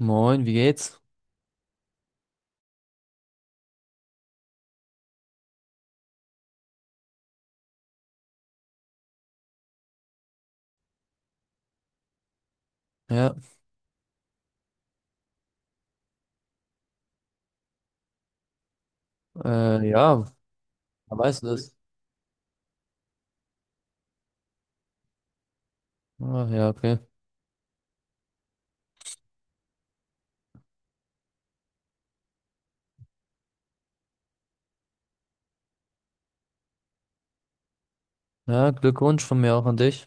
Moin, wie geht's? Ja, äh, ja, da weißt du Grüß. Das. Ja, okay. Ja, Glückwunsch von mir auch an dich.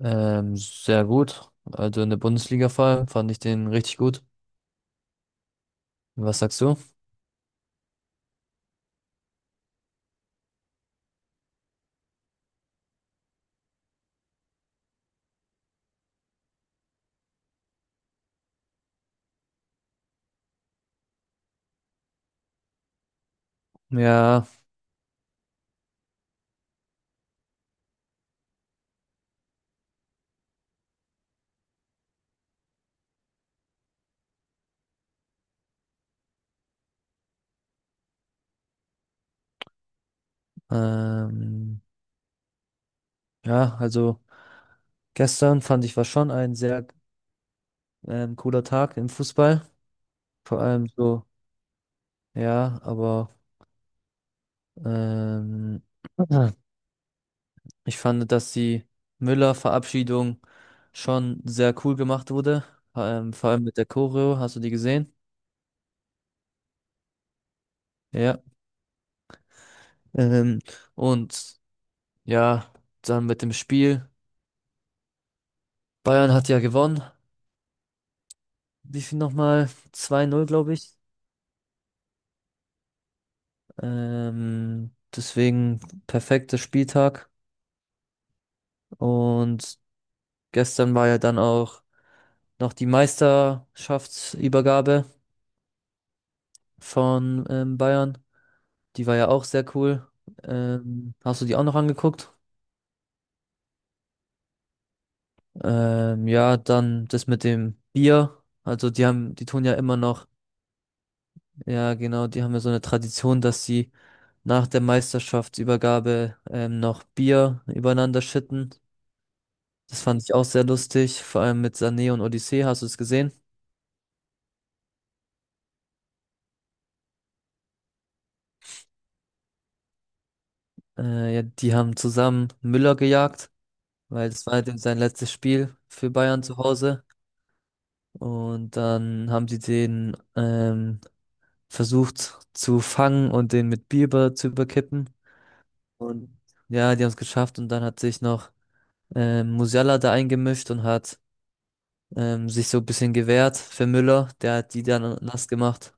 Sehr gut. Also in der Bundesliga vor allem fand ich den richtig gut. Was sagst du? Ja, ähm, ja, also gestern fand ich war schon ein sehr cooler Tag im Fußball. Vor allem so, ja, aber ähm, Ich fand, dass die Müller-Verabschiedung schon sehr cool gemacht wurde. Vor allem mit der Choreo, hast du die gesehen? Ja. Ähm, und ja, dann mit dem Spiel. Bayern hat ja gewonnen. Wie viel nochmal? Zwei Null, glaube ich. Deswegen perfekter Spieltag. Und gestern war ja dann auch noch die Meisterschaftsübergabe von Bayern. Die war ja auch sehr cool. Hast du die auch noch angeguckt? Ja, dann das mit dem Bier. Also die haben, die tun ja immer noch, ja genau, die haben ja so eine Tradition, dass sie nach der Meisterschaftsübergabe noch Bier übereinander schütten. Das fand ich auch sehr lustig, vor allem mit Sané und Odyssee, hast du es gesehen? Ja, die haben zusammen Müller gejagt, weil das war halt eben sein letztes Spiel für Bayern zu Hause. Und dann haben sie den versucht zu fangen und den mit Bier über- zu überkippen. Und ja, die haben es geschafft und dann hat sich noch Musiala da eingemischt und hat sich so ein bisschen gewehrt für Müller. Der hat die dann nass gemacht.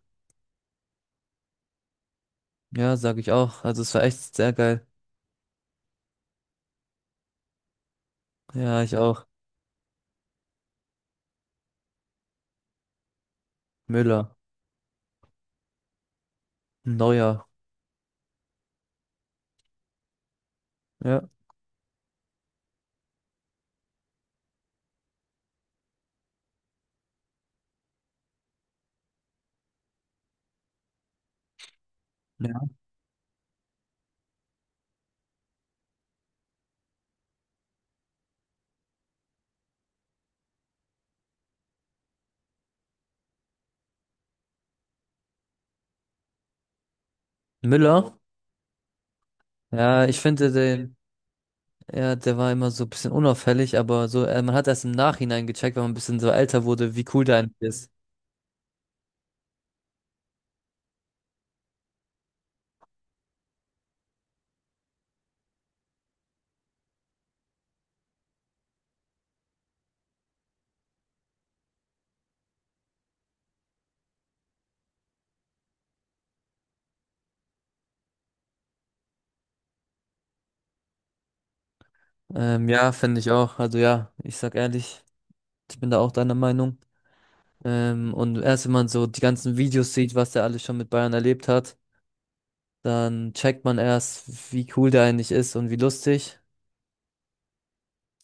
Ja, sag ich auch. Also es war echt sehr geil. Ja, ich auch. Müller. Neuer. Ja. Ja. Müller. Ja, ich finde den, ja, der war immer so ein bisschen unauffällig, aber so, man hat erst im Nachhinein gecheckt, wenn man ein bisschen so älter wurde, wie cool der eigentlich ist. Ja, finde ich auch. Also ja, ich sag ehrlich, ich bin da auch deiner Meinung. Und erst wenn man so die ganzen Videos sieht, was der alles schon mit Bayern erlebt hat, dann checkt man erst, wie cool der eigentlich ist und wie lustig.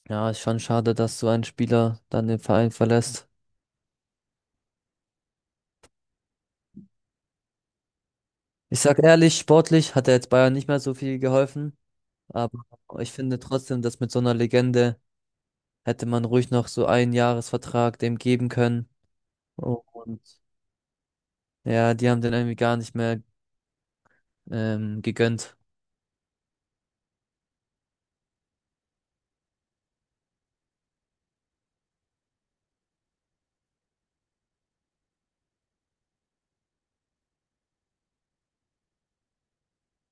Ja, ist schon schade, dass so ein Spieler dann den Verein verlässt. Ich sag ehrlich, sportlich hat er jetzt Bayern nicht mehr so viel geholfen, aber ich finde trotzdem, dass mit so einer Legende hätte man ruhig noch so einen Jahresvertrag dem geben können. Und ja, die haben den irgendwie gar nicht mehr gegönnt.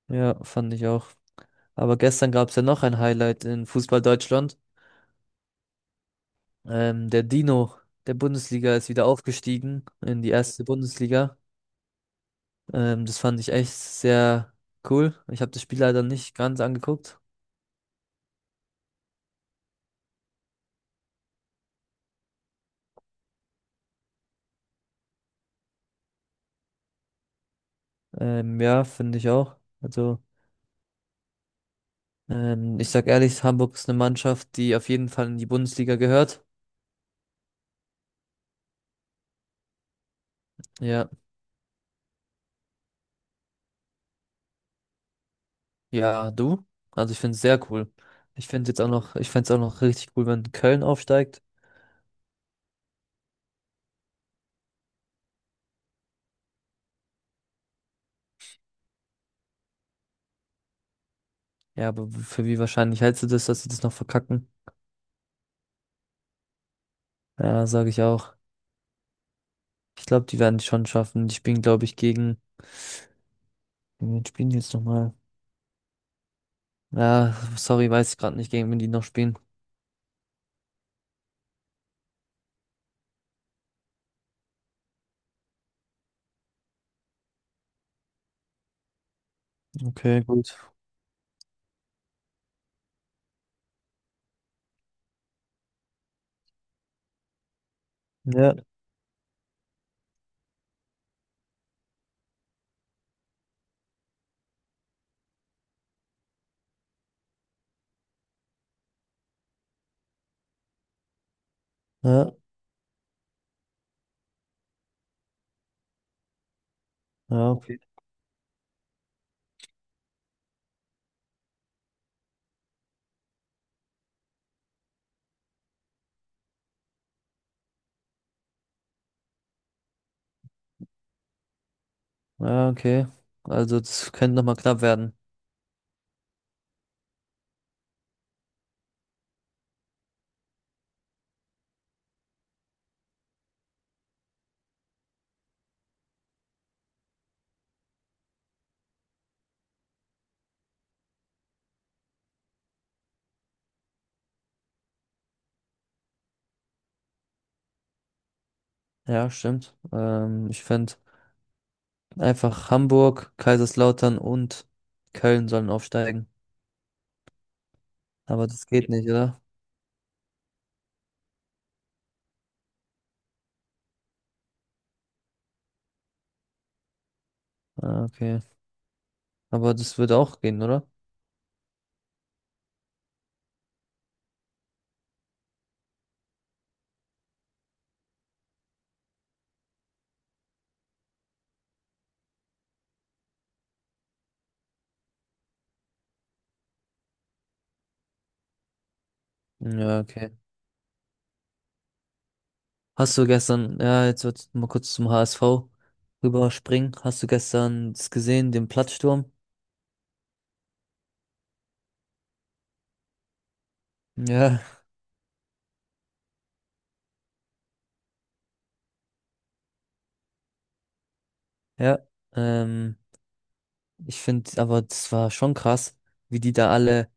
Ja, fand ich auch. Aber gestern gab es ja noch ein Highlight in Fußball Deutschland. Der Dino der Bundesliga ist wieder aufgestiegen in die erste Bundesliga. Das fand ich echt sehr cool. Ich habe das Spiel leider nicht ganz angeguckt. Ja, finde ich auch. Also, ich sag ehrlich, Hamburg ist eine Mannschaft, die auf jeden Fall in die Bundesliga gehört. Ja, ja, du? Also, ich finde es sehr cool. Ich finde jetzt auch noch, ich fände es auch noch richtig cool, wenn Köln aufsteigt. Ja, aber w- für wie wahrscheinlich hältst du das, dass sie das noch verkacken? Ja, sage ich auch. Ich glaube, die werden es schon schaffen. Die spielen, glaube ich, gegen wen spielen die jetzt nochmal? Ja, sorry, weiß ich gerade nicht, gegen wen die noch spielen. Okay, gut. Ja, ja, ja, okay. Ja, okay. Also das könnte nochmal knapp werden. Ja, stimmt. Ich fände einfach Hamburg, Kaiserslautern und Köln sollen aufsteigen. Aber das geht nicht, oder? Ah, okay. Aber das wird auch gehen, oder? Ja, okay. Hast du gestern, ja, jetzt wird mal kurz zum HSV rüberspringen. Hast du gestern das gesehen, den Platzsturm? Ja, Ja. Ähm, Ich finde, aber das war schon krass, wie die da alle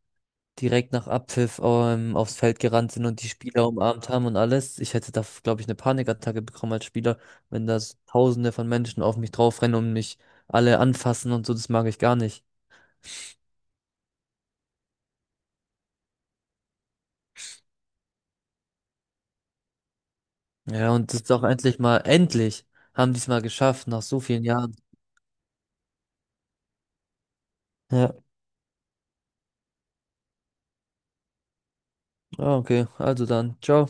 direkt nach Abpfiff aufs Feld gerannt sind und die Spieler umarmt haben und alles. Ich hätte da, glaube ich, eine Panikattacke bekommen als Spieler, wenn da so Tausende von Menschen auf mich draufrennen und mich alle anfassen und so. Das mag ich gar nicht. Ja, und das ist auch endlich mal, endlich haben die es mal geschafft, nach so vielen Jahren. Ja, ah, okay, also dann, ciao.